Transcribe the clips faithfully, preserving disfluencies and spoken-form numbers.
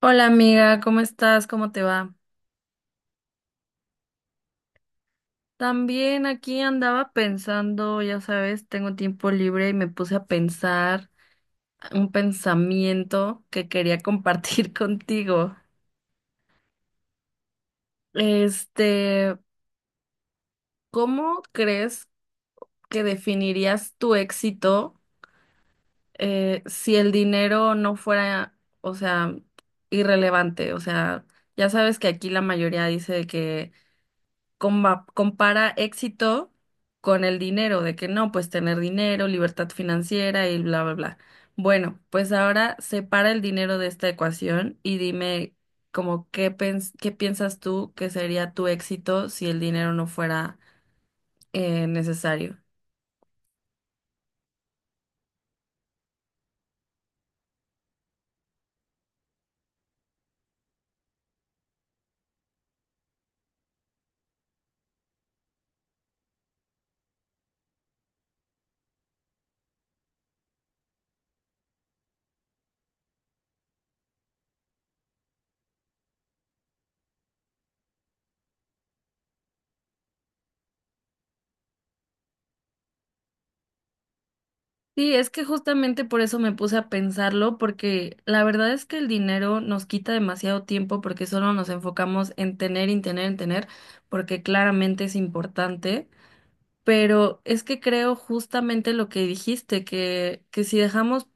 Hola amiga, ¿cómo estás? ¿Cómo te va? También aquí andaba pensando, ya sabes, tengo tiempo libre y me puse a pensar un pensamiento que quería compartir contigo. Este, ¿cómo crees que definirías tu éxito eh, si el dinero no fuera, o sea, irrelevante? O sea, ya sabes que aquí la mayoría dice que comba- compara éxito con el dinero, de que no, pues tener dinero, libertad financiera y bla, bla, bla. Bueno, pues ahora separa el dinero de esta ecuación y dime como qué pens- qué piensas tú que sería tu éxito si el dinero no fuera eh, necesario. Sí, es que justamente por eso me puse a pensarlo, porque la verdad es que el dinero nos quita demasiado tiempo porque solo nos enfocamos en tener, en tener, en tener, porque claramente es importante. Pero es que creo justamente lo que dijiste, que, que si dejamos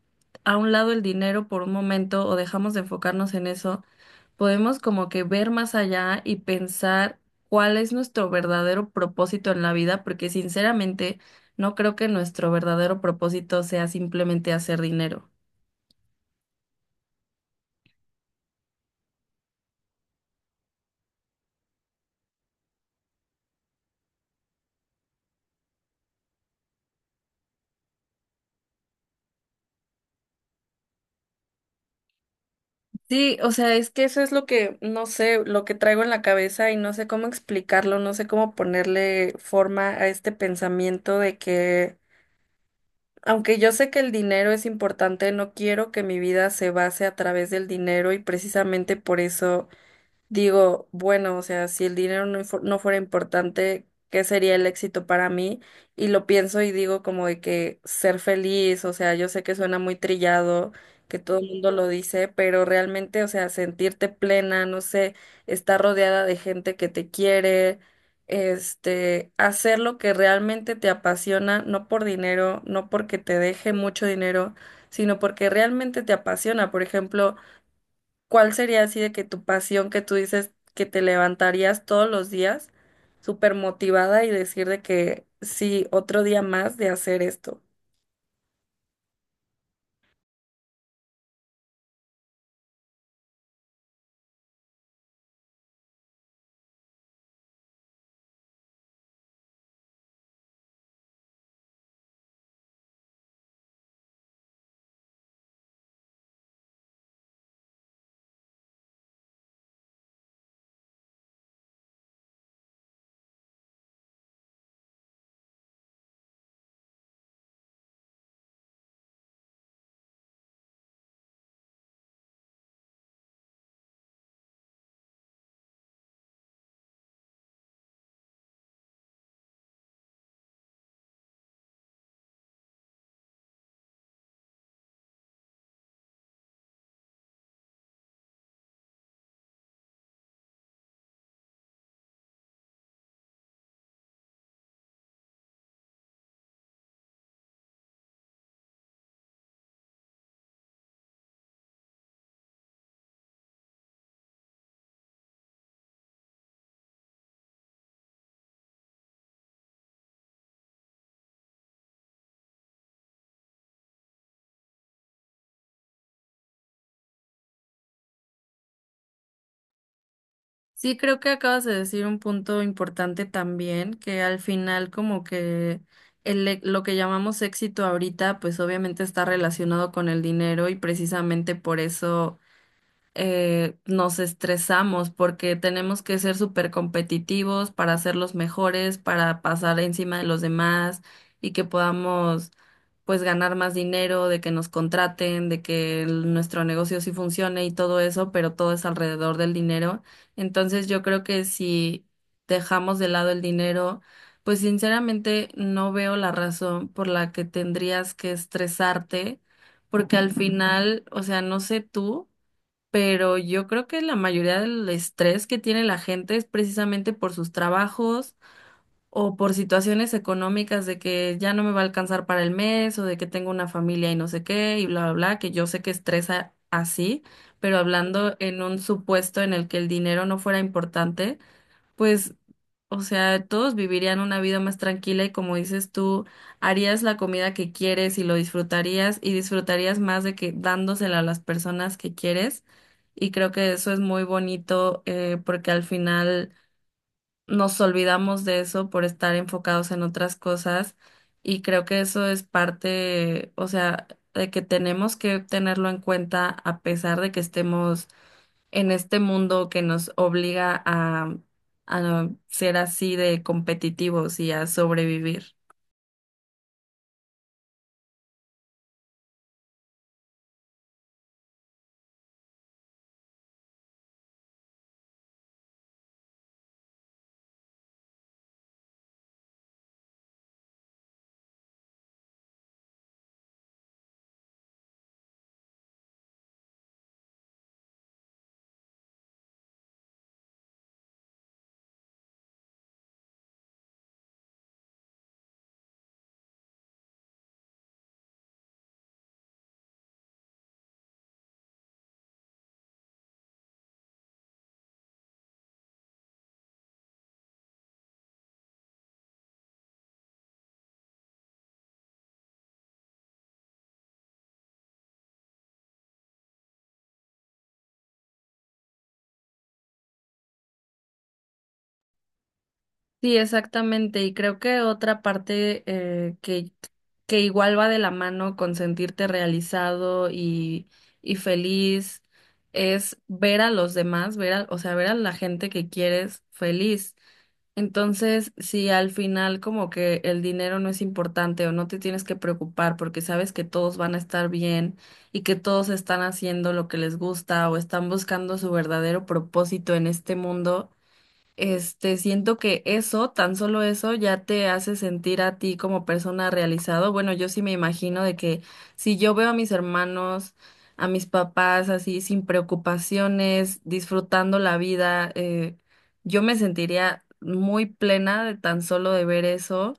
a un lado el dinero por un momento o dejamos de enfocarnos en eso, podemos como que ver más allá y pensar cuál es nuestro verdadero propósito en la vida, porque sinceramente no creo que nuestro verdadero propósito sea simplemente hacer dinero. Sí, o sea, es que eso es lo que, no sé, lo que traigo en la cabeza y no sé cómo explicarlo, no sé cómo ponerle forma a este pensamiento de que aunque yo sé que el dinero es importante, no quiero que mi vida se base a través del dinero y precisamente por eso digo, bueno, o sea, si el dinero no, fu- no fuera importante, ¿qué sería el éxito para mí? Y lo pienso y digo como de que ser feliz, o sea, yo sé que suena muy trillado, que todo el mundo lo dice, pero realmente, o sea, sentirte plena, no sé, estar rodeada de gente que te quiere, este, hacer lo que realmente te apasiona, no por dinero, no porque te deje mucho dinero, sino porque realmente te apasiona. Por ejemplo, ¿cuál sería así de que tu pasión que tú dices que te levantarías todos los días súper motivada y decir de que sí, otro día más de hacer esto? Sí, creo que acabas de decir un punto importante también, que al final como que el e- lo que llamamos éxito ahorita, pues obviamente está relacionado con el dinero y precisamente por eso eh, nos estresamos porque tenemos que ser súper competitivos para ser los mejores, para pasar encima de los demás y que podamos pues ganar más dinero, de que nos contraten, de que el- nuestro negocio sí funcione y todo eso, pero todo es alrededor del dinero. Entonces yo creo que si dejamos de lado el dinero, pues sinceramente no veo la razón por la que tendrías que estresarte, porque al final, o sea, no sé tú pero yo creo que la mayoría del estrés que tiene la gente es precisamente por sus trabajos o por situaciones económicas de que ya no me va a alcanzar para el mes o de que tengo una familia y no sé qué y bla, bla, bla, que yo sé que estresa así, pero hablando en un supuesto en el que el dinero no fuera importante, pues o sea, todos vivirían una vida más tranquila y como dices tú, harías la comida que quieres y lo disfrutarías y disfrutarías más de que dándosela a las personas que quieres. Y creo que eso es muy bonito eh, porque al final nos olvidamos de eso por estar enfocados en otras cosas y creo que eso es parte, o sea, de que tenemos que tenerlo en cuenta a pesar de que estemos en este mundo que nos obliga a, a ser así de competitivos y a sobrevivir. Sí, exactamente. Y creo que otra parte eh, que, que igual va de la mano con sentirte realizado y, y feliz es ver a los demás, ver a, o sea, ver a la gente que quieres feliz. Entonces, si al final como que el dinero no es importante o no te tienes que preocupar porque sabes que todos van a estar bien y que todos están haciendo lo que les gusta o están buscando su verdadero propósito en este mundo este, siento que eso, tan solo eso, ya te hace sentir a ti como persona realizado. Bueno, yo sí me imagino de que si yo veo a mis hermanos, a mis papás así sin preocupaciones, disfrutando la vida, eh, yo me sentiría muy plena de tan solo de ver eso.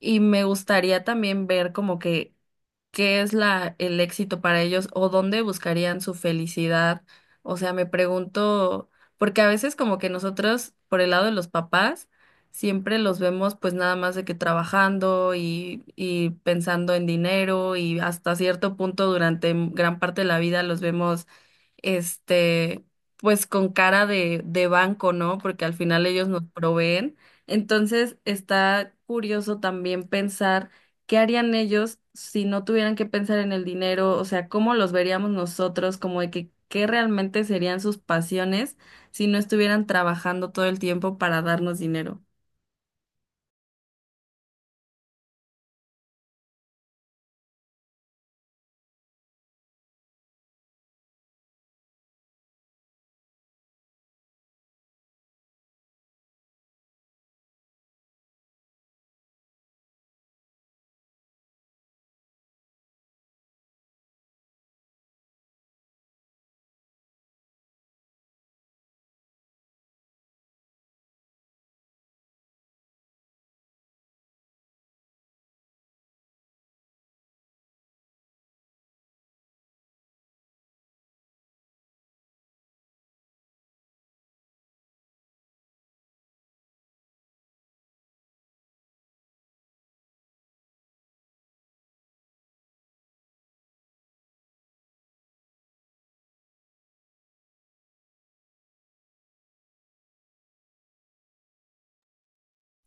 Y me gustaría también ver como que qué es la, el éxito para ellos o dónde buscarían su felicidad. O sea, me pregunto, porque a veces como que nosotros, por el lado de los papás, siempre los vemos pues nada más de que trabajando y, y pensando en dinero y hasta cierto punto durante gran parte de la vida los vemos este, pues con cara de, de banco, ¿no? Porque al final ellos nos proveen. Entonces está curioso también pensar ¿qué harían ellos si no tuvieran que pensar en el dinero? O sea, ¿cómo los veríamos nosotros? Como de que, ¿qué realmente serían sus pasiones si no estuvieran trabajando todo el tiempo para darnos dinero?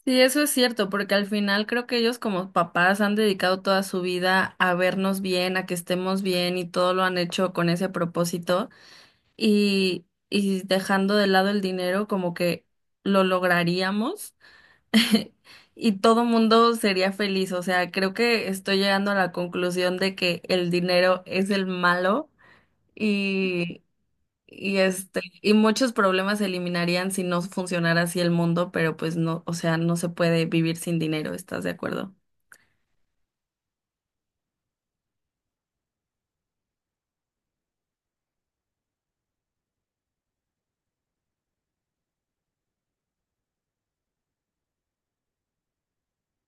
Sí, eso es cierto, porque al final creo que ellos como papás han dedicado toda su vida a vernos bien, a que estemos bien y todo lo han hecho con ese propósito y, y dejando de lado el dinero como que lo lograríamos. Y todo mundo sería feliz. O sea, creo que estoy llegando a la conclusión de que el dinero es el malo y, y este, y muchos problemas se eliminarían si no funcionara así el mundo, pero pues no, o sea, no se puede vivir sin dinero, ¿estás de acuerdo?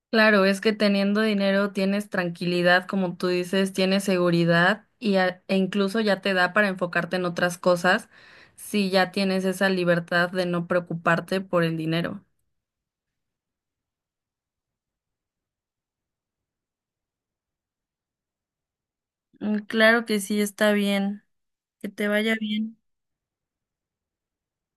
Claro, es que teniendo dinero tienes tranquilidad, como tú dices, tienes seguridad y a- e incluso ya te da para enfocarte en otras cosas si ya tienes esa libertad de no preocuparte por el dinero. Mm, claro que sí, está bien. Que te vaya bien.